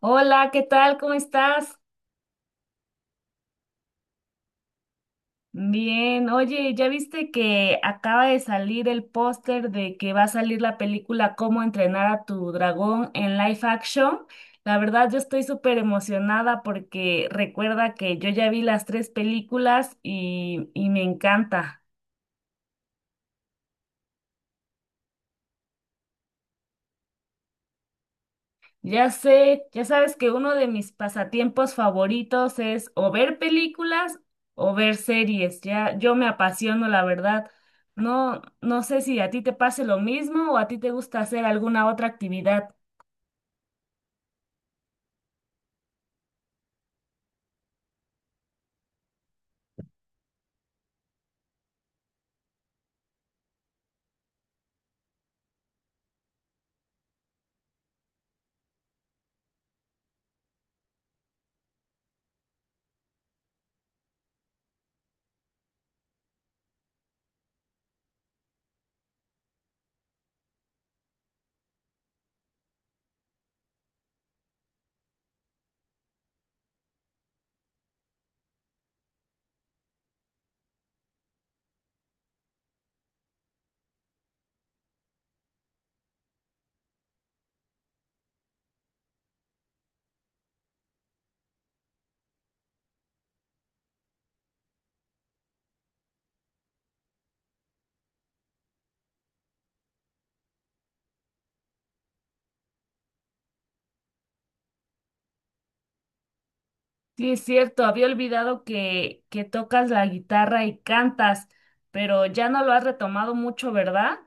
Hola, ¿qué tal? ¿Cómo estás? Bien, oye, ¿ya viste que acaba de salir el póster de que va a salir la película Cómo entrenar a tu dragón en live action? La verdad, yo estoy súper emocionada porque recuerda que yo ya vi las tres películas y me encanta. Ya sé, ya sabes que uno de mis pasatiempos favoritos es o ver películas o ver series. Ya, yo me apasiono, la verdad. No, no sé si a ti te pase lo mismo o a ti te gusta hacer alguna otra actividad. Sí, es cierto, había olvidado que tocas la guitarra y cantas, pero ya no lo has retomado mucho, ¿verdad?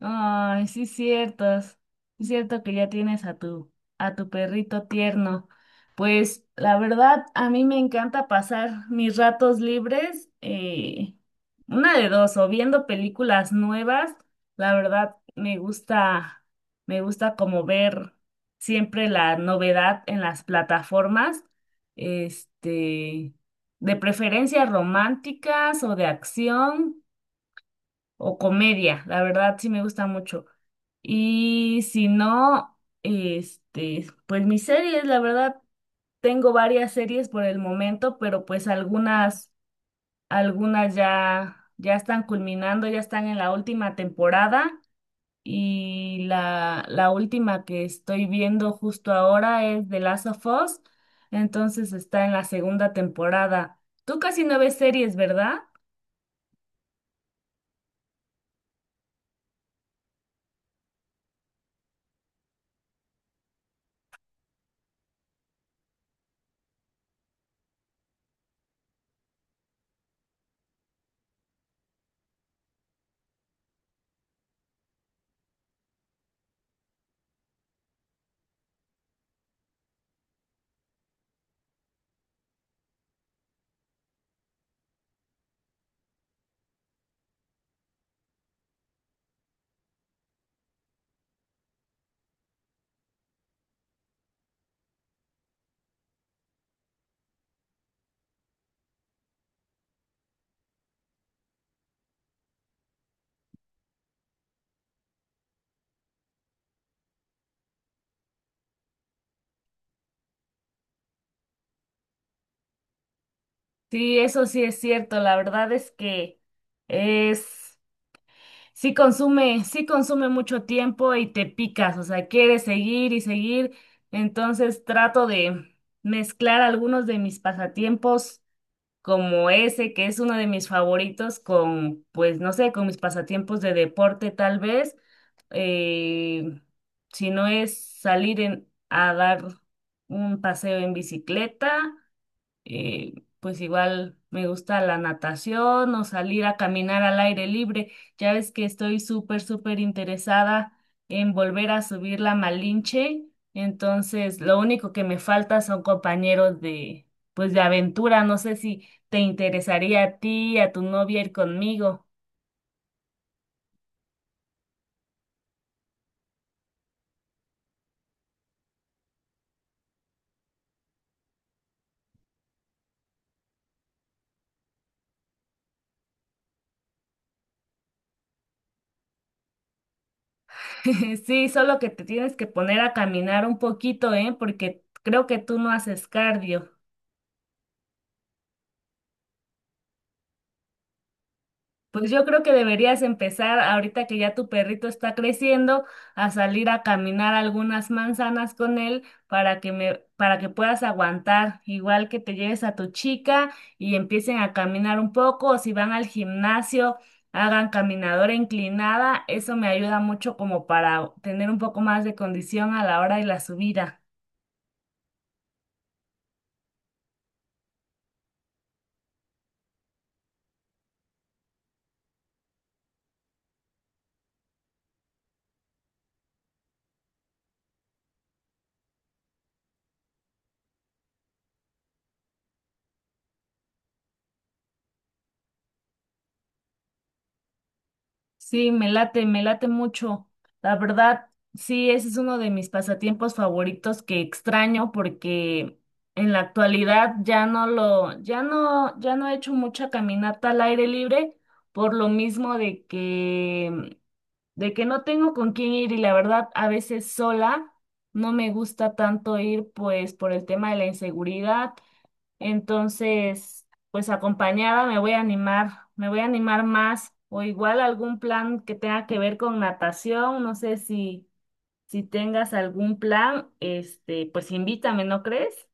Ay, sí, ciertos. Es cierto que ya tienes a tu perrito tierno. Pues la verdad, a mí me encanta pasar mis ratos libres, una de dos, o viendo películas nuevas. La verdad, me gusta como ver siempre la novedad en las plataformas, este, de preferencia románticas o de acción o comedia. La verdad, sí me gusta mucho. Y si no, pues mis series, la verdad, tengo varias series por el momento, pero pues algunas, algunas ya están culminando, ya están en la última temporada. Y la última que estoy viendo justo ahora es The Last of Us, entonces está en la segunda temporada. Tú casi no ves series, ¿verdad? Sí, eso sí es cierto, la verdad es que es. Sí consume mucho tiempo y te picas, o sea, quieres seguir y seguir. Entonces trato de mezclar algunos de mis pasatiempos como ese, que es uno de mis favoritos, con, pues, no sé, con mis pasatiempos de deporte tal vez. Eh, si no es salir a dar un paseo en bicicleta eh, pues igual me gusta la natación o salir a caminar al aire libre. Ya ves que estoy súper, súper interesada en volver a subir la Malinche. Entonces, lo único que me falta son compañeros de, pues, de aventura. No sé si te interesaría a ti, a tu novia ir conmigo. Sí, solo que te tienes que poner a caminar un poquito, ¿eh? Porque creo que tú no haces cardio. Pues yo creo que deberías empezar ahorita que ya tu perrito está creciendo a salir a caminar algunas manzanas con él para que puedas aguantar, igual que te lleves a tu chica y empiecen a caminar un poco o si van al gimnasio hagan caminadora inclinada, eso me ayuda mucho como para tener un poco más de condición a la hora de la subida. Sí, me late mucho. La verdad, sí, ese es uno de mis pasatiempos favoritos que extraño porque en la actualidad ya no lo, ya no, ya no he hecho mucha caminata al aire libre por lo mismo de que, no tengo con quién ir y la verdad a veces sola no me gusta tanto ir pues por el tema de la inseguridad entonces, pues acompañada me voy a animar más o igual algún plan que tenga que ver con natación, no sé si si tengas algún plan, pues invítame, ¿no crees?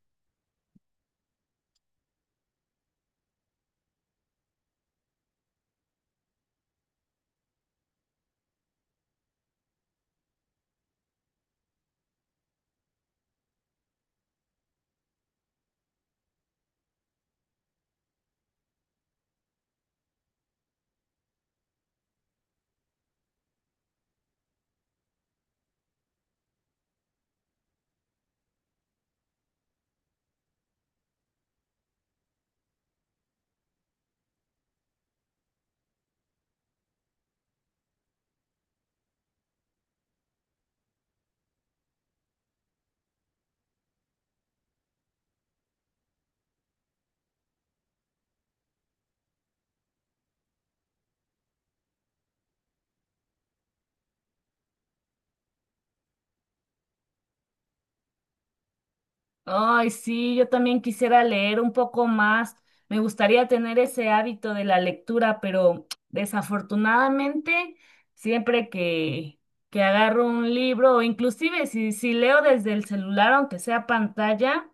Ay, sí, yo también quisiera leer un poco más. Me gustaría tener ese hábito de la lectura, pero desafortunadamente siempre que agarro un libro o inclusive si si leo desde el celular aunque sea pantalla,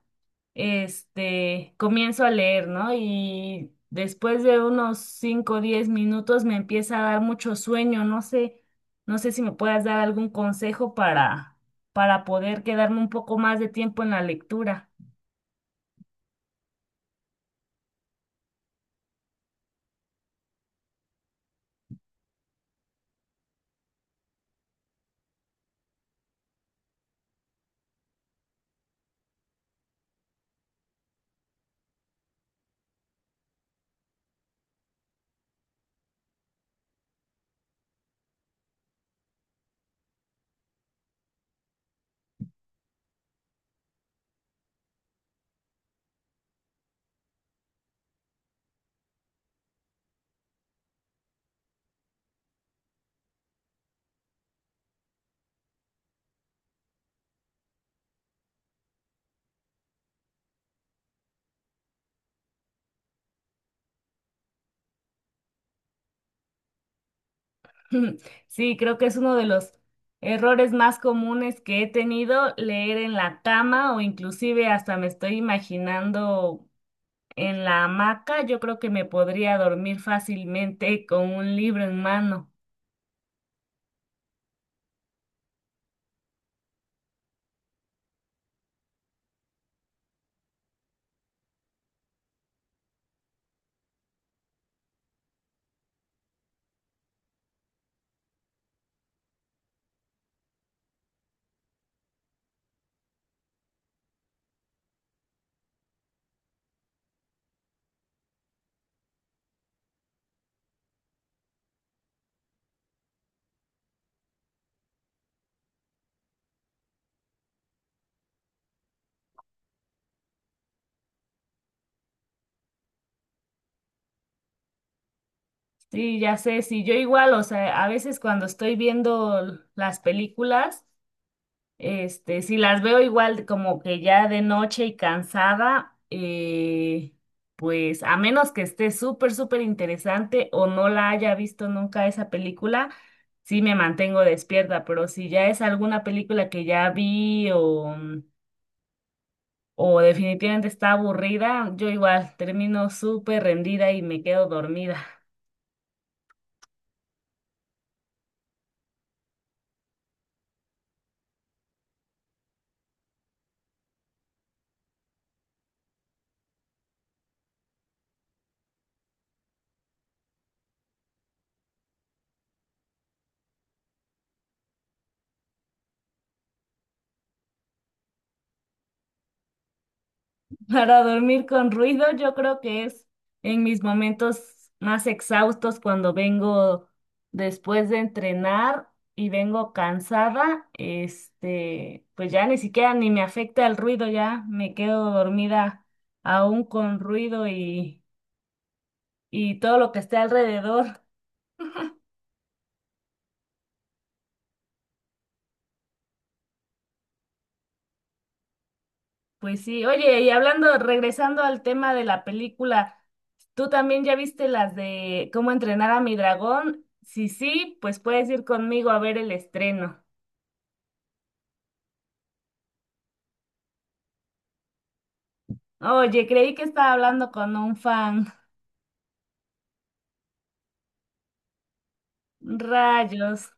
comienzo a leer, ¿no? Y después de unos 5, o 10 minutos me empieza a dar mucho sueño, no sé, si me puedas dar algún consejo para poder quedarme un poco más de tiempo en la lectura. Sí, creo que es uno de los errores más comunes que he tenido, leer en la cama o inclusive hasta me estoy imaginando en la hamaca, yo creo que me podría dormir fácilmente con un libro en mano. Sí, ya sé, sí, yo igual, o sea, a veces cuando estoy viendo las películas, si las veo igual como que ya de noche y cansada, pues a menos que esté súper, súper interesante o no la haya visto nunca esa película, sí me mantengo despierta, pero si ya es alguna película que ya vi o definitivamente está aburrida, yo igual termino súper rendida y me quedo dormida. Para dormir con ruido, yo creo que es en mis momentos más exhaustos cuando vengo después de entrenar y vengo cansada, pues ya ni siquiera ni me afecta el ruido, ya me quedo dormida aún con ruido y todo lo que esté alrededor. Pues sí, oye, y hablando, regresando al tema de la película, ¿tú también ya viste las de cómo entrenar a mi dragón? Si sí, pues puedes ir conmigo a ver el estreno. Oye, creí que estaba hablando con un fan. Rayos.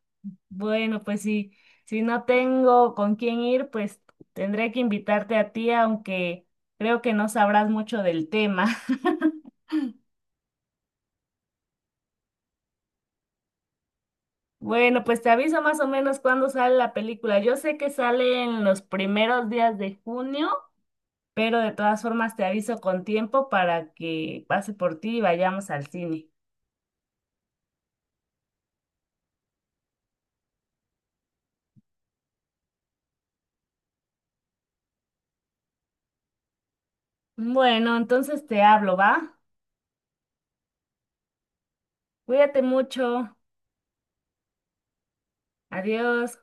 Bueno, pues sí, si no tengo con quién ir, pues tendré que invitarte a ti, aunque creo que no sabrás mucho del tema. Bueno, pues te aviso más o menos cuándo sale la película. Yo sé que sale en los primeros días de junio, pero de todas formas te aviso con tiempo para que pase por ti y vayamos al cine. Bueno, entonces te hablo, ¿va? Cuídate mucho. Adiós.